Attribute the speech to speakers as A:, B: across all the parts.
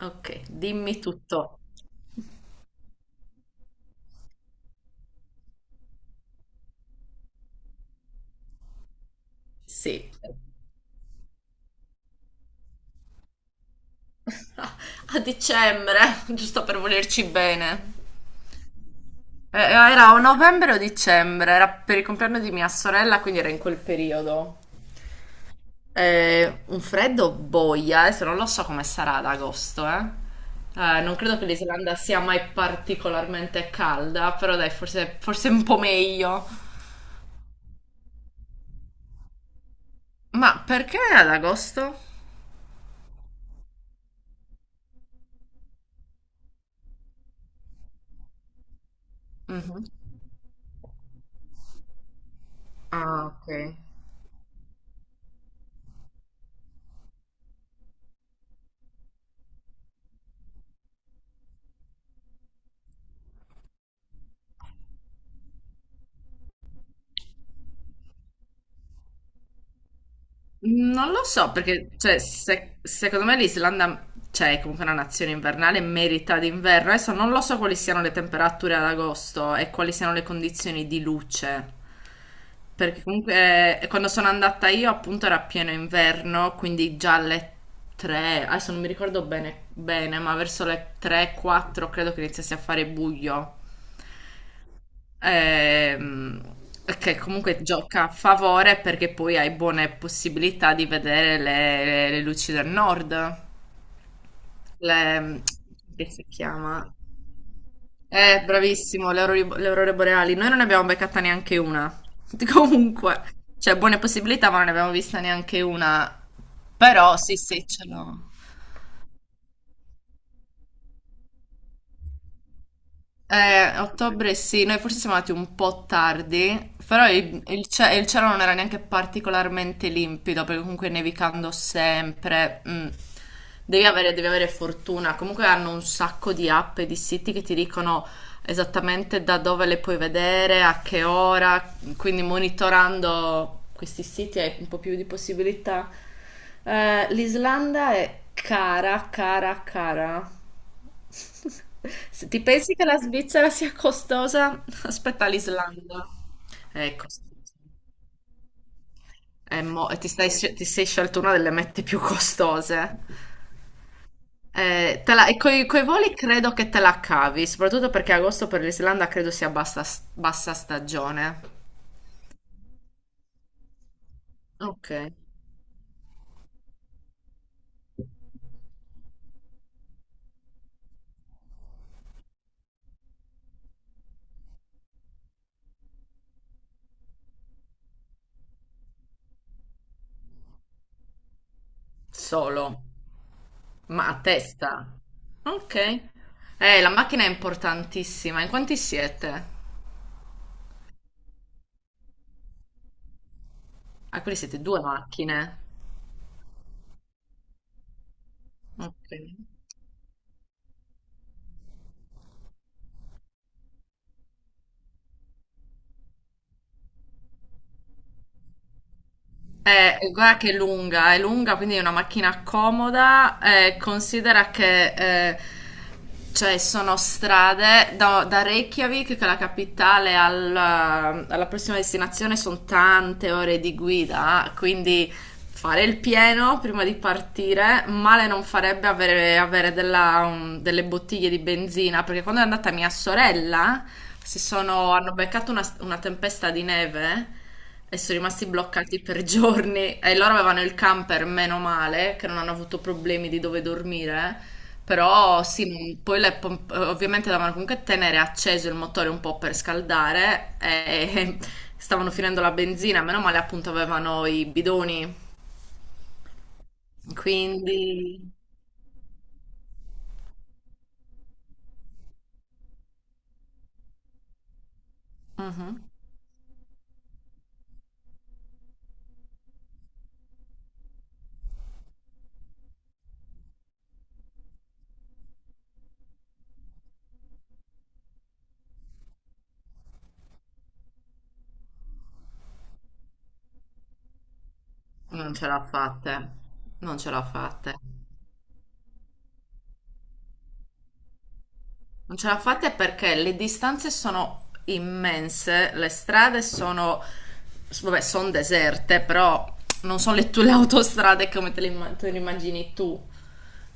A: Ok, dimmi tutto. Sì. A dicembre, giusto per volerci bene. Era o novembre o dicembre, era per il compleanno di mia sorella, quindi era in quel periodo. Un freddo boia, adesso non lo so come sarà ad agosto, eh. Non credo che l'Islanda sia mai particolarmente calda, però dai, forse, forse un po' meglio. Ma perché ad agosto? Mhm. Ah, ok. Non lo so, perché cioè, secondo me l'Islanda, cioè, è comunque una nazione invernale, merita d'inverno. Adesso non lo so quali siano le temperature ad agosto e quali siano le condizioni di luce. Perché comunque quando sono andata io appunto era pieno inverno, quindi già alle 3, adesso non mi ricordo bene, bene, ma verso le 3-4 credo che iniziasse a fare buio. Ehm, che comunque gioca a favore perché poi hai buone possibilità di vedere le luci del nord. Le, che si chiama? Bravissimo, le aurore boreali. Noi non ne abbiamo beccata neanche una. Comunque, cioè buone possibilità, ma non ne abbiamo vista neanche una. Però sì, sì, ce l'ho. Ottobre sì, noi forse siamo andati un po' tardi, però il cielo non era neanche particolarmente limpido, perché comunque nevicando sempre, devi avere fortuna. Comunque hanno un sacco di app e di siti che ti dicono esattamente da dove le puoi vedere, a che ora, quindi monitorando questi siti hai un po' più di possibilità. L'Islanda è cara, cara, cara. Se ti pensi che la Svizzera sia costosa, aspetta l'Islanda. È costosa. È mo- e ti stai- ti sei scelto una delle mete più costose. E coi voli credo che te la cavi, soprattutto perché agosto per l'Islanda credo sia bassa, bassa stagione. Ok, solo, ma a testa. Ok. La macchina è importantissima. In quanti siete? Ah, quindi siete due macchine. Ok. Guarda che è lunga, quindi è una macchina comoda. Considera che cioè sono strade da Reykjavik, che è la capitale, alla prossima destinazione sono tante ore di guida, quindi fare il pieno prima di partire. Male non farebbe avere delle bottiglie di benzina, perché quando è andata mia sorella, hanno beccato una tempesta di neve e sono rimasti bloccati per giorni. E loro avevano il camper, meno male, che non hanno avuto problemi di dove dormire. Però sì, poi ovviamente dovevano comunque tenere acceso il motore un po' per scaldare e stavano finendo la benzina, meno male appunto avevano i bidoni quindi mhm, non ce l'ha fatta, eh. Non ce l'ha fatta. Non ce la fate perché le distanze sono immense, le strade sono, vabbè, sono deserte, però non sono le, tue, le autostrade come te le immagini tu.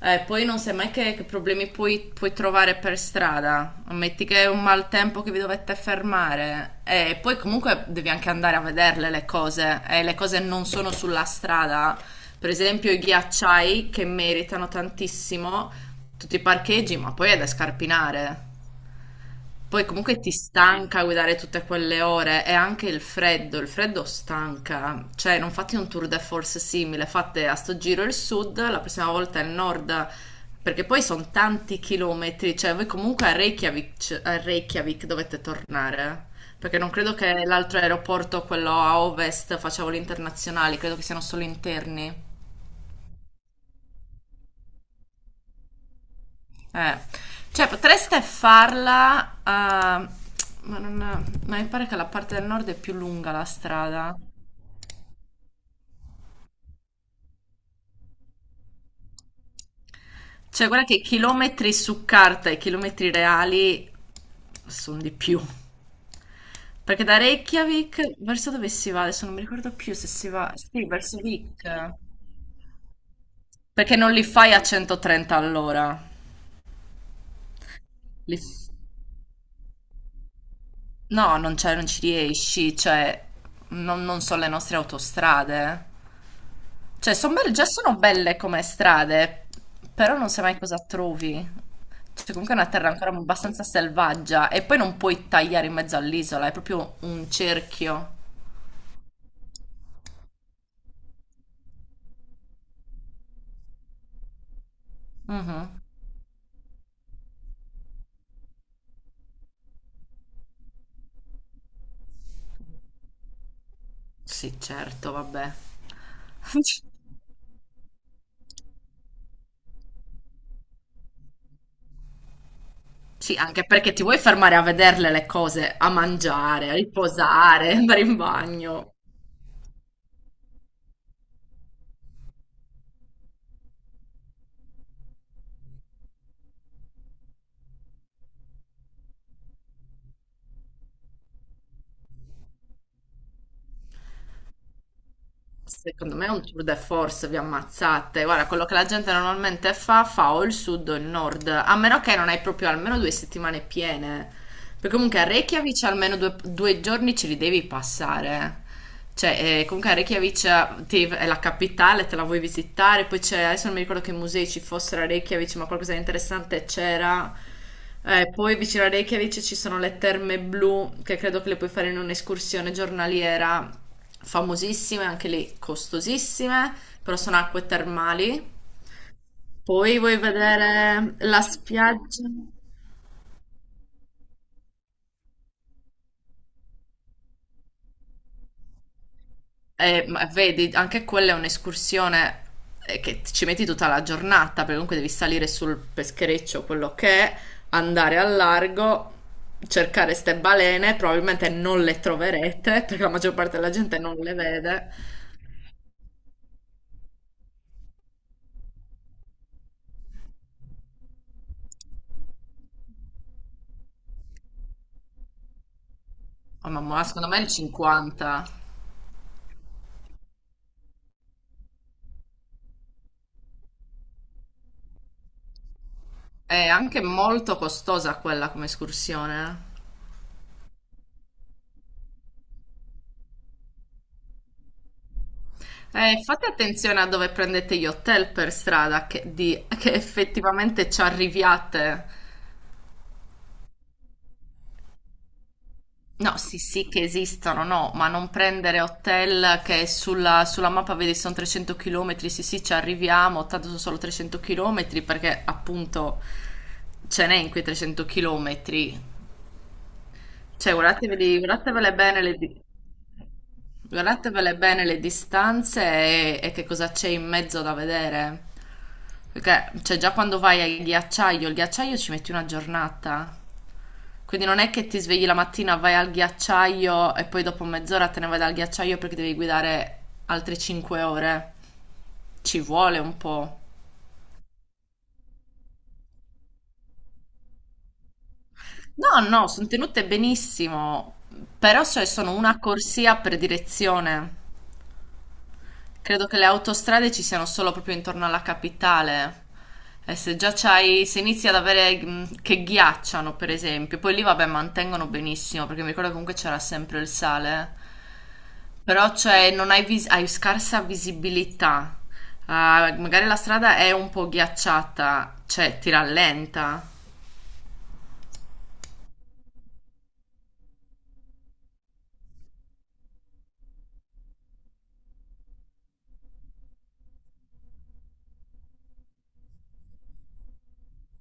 A: Poi non sai mai che problemi puoi trovare per strada. Metti che è un maltempo che vi dovete fermare. E poi comunque devi anche andare a vederle le cose. E le cose non sono sulla strada. Per esempio i ghiacciai che meritano tantissimo tutti i parcheggi, ma poi è da scarpinare. Poi comunque ti stanca guidare tutte quelle ore e anche il freddo stanca. Cioè, non fate un tour de force simile, fate a sto giro il sud, la prossima volta il nord, perché poi sono tanti chilometri, cioè voi comunque a Reykjavik dovete tornare. Perché non credo che l'altro aeroporto, quello a ovest, faccia voli internazionali, credo che siano solo interni. Eh, cioè potreste farla, ma non, ma mi pare che la parte del nord è più lunga la strada. Cioè, guarda che chilometri su carta e chilometri reali sono di più. Perché da Reykjavik verso dove si va? Adesso non mi ricordo più se si va. Sì, verso Vik. Perché non li fai a 130 all'ora. Li- No, non c'è, non ci riesci. Cioè, non sono le nostre autostrade. Cioè, son belle, già sono belle come strade, però non sai mai cosa trovi. Cioè, comunque è una terra ancora abbastanza selvaggia e poi non puoi tagliare in mezzo all'isola, è proprio un cerchio. Mhm. Sì, certo, vabbè. Sì, anche perché ti vuoi fermare a vederle le cose, a mangiare, a riposare, andare in bagno. Secondo me è un tour de force, vi ammazzate. Guarda, quello che la gente normalmente fa o il sud o il nord, a meno che non hai proprio almeno due settimane piene. Perché comunque a Reykjavik almeno due giorni ce li devi passare. Cioè, comunque a Reykjavik è la capitale, te la vuoi visitare, poi c'è, adesso non mi ricordo che musei ci fossero a Reykjavik, ma qualcosa di interessante c'era. Poi vicino a Reykjavik ci sono le terme blu che credo che le puoi fare in un'escursione giornaliera famosissime, anche lì costosissime, però sono acque termali. Poi vuoi vedere la spiaggia? Ma vedi, anche quella è un'escursione che ci metti tutta la giornata, perché comunque devi salire sul peschereccio, quello che è, andare al largo, cercare ste balene, probabilmente non le troverete, perché la maggior parte della gente non le vede. Oh, mamma, ma secondo me il 50 è anche molto costosa quella come escursione. Fate attenzione a dove prendete gli hotel per strada, che effettivamente ci arriviate. No, sì, sì che esistono, no, ma non prendere hotel che sulla mappa vedi sono 300 km, sì, sì, ci arriviamo, tanto sono solo 300 km, perché appunto ce n'è in quei 300 km. Cioè, guardateveli, guardatevele bene le... di- Guardatevele bene le distanze e che cosa c'è in mezzo da vedere. Perché cioè, già quando vai al ghiacciaio, il ghiacciaio ci metti una giornata. Quindi non è che ti svegli la mattina, vai al ghiacciaio e poi dopo mezz'ora te ne vai dal ghiacciaio perché devi guidare altre 5 ore. Ci vuole un po'. No, no, sono tenute benissimo, però cioè, sono una corsia per direzione. Credo che le autostrade ci siano solo proprio intorno alla capitale. E se già c'hai, se inizi ad avere che ghiacciano, per esempio, poi lì vabbè mantengono benissimo, perché mi ricordo che comunque c'era sempre il sale. Però cioè non hai, hai scarsa visibilità. Ah, magari la strada è un po' ghiacciata, cioè ti rallenta.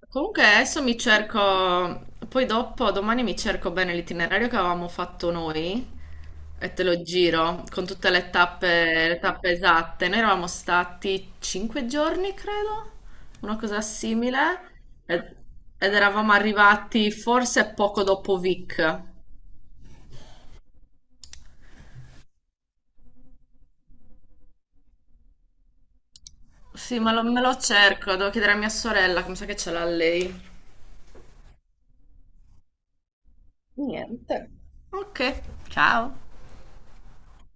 A: Comunque adesso mi cerco, poi dopo, domani mi cerco bene l'itinerario che avevamo fatto noi e te lo giro con tutte le tappe esatte. Noi eravamo stati 5 giorni, credo, una cosa simile, ed, ed eravamo arrivati forse poco dopo Vic. Sì, ma me lo cerco, devo chiedere a mia sorella, come sa che ce l'ha lei. Niente. Ok, ciao.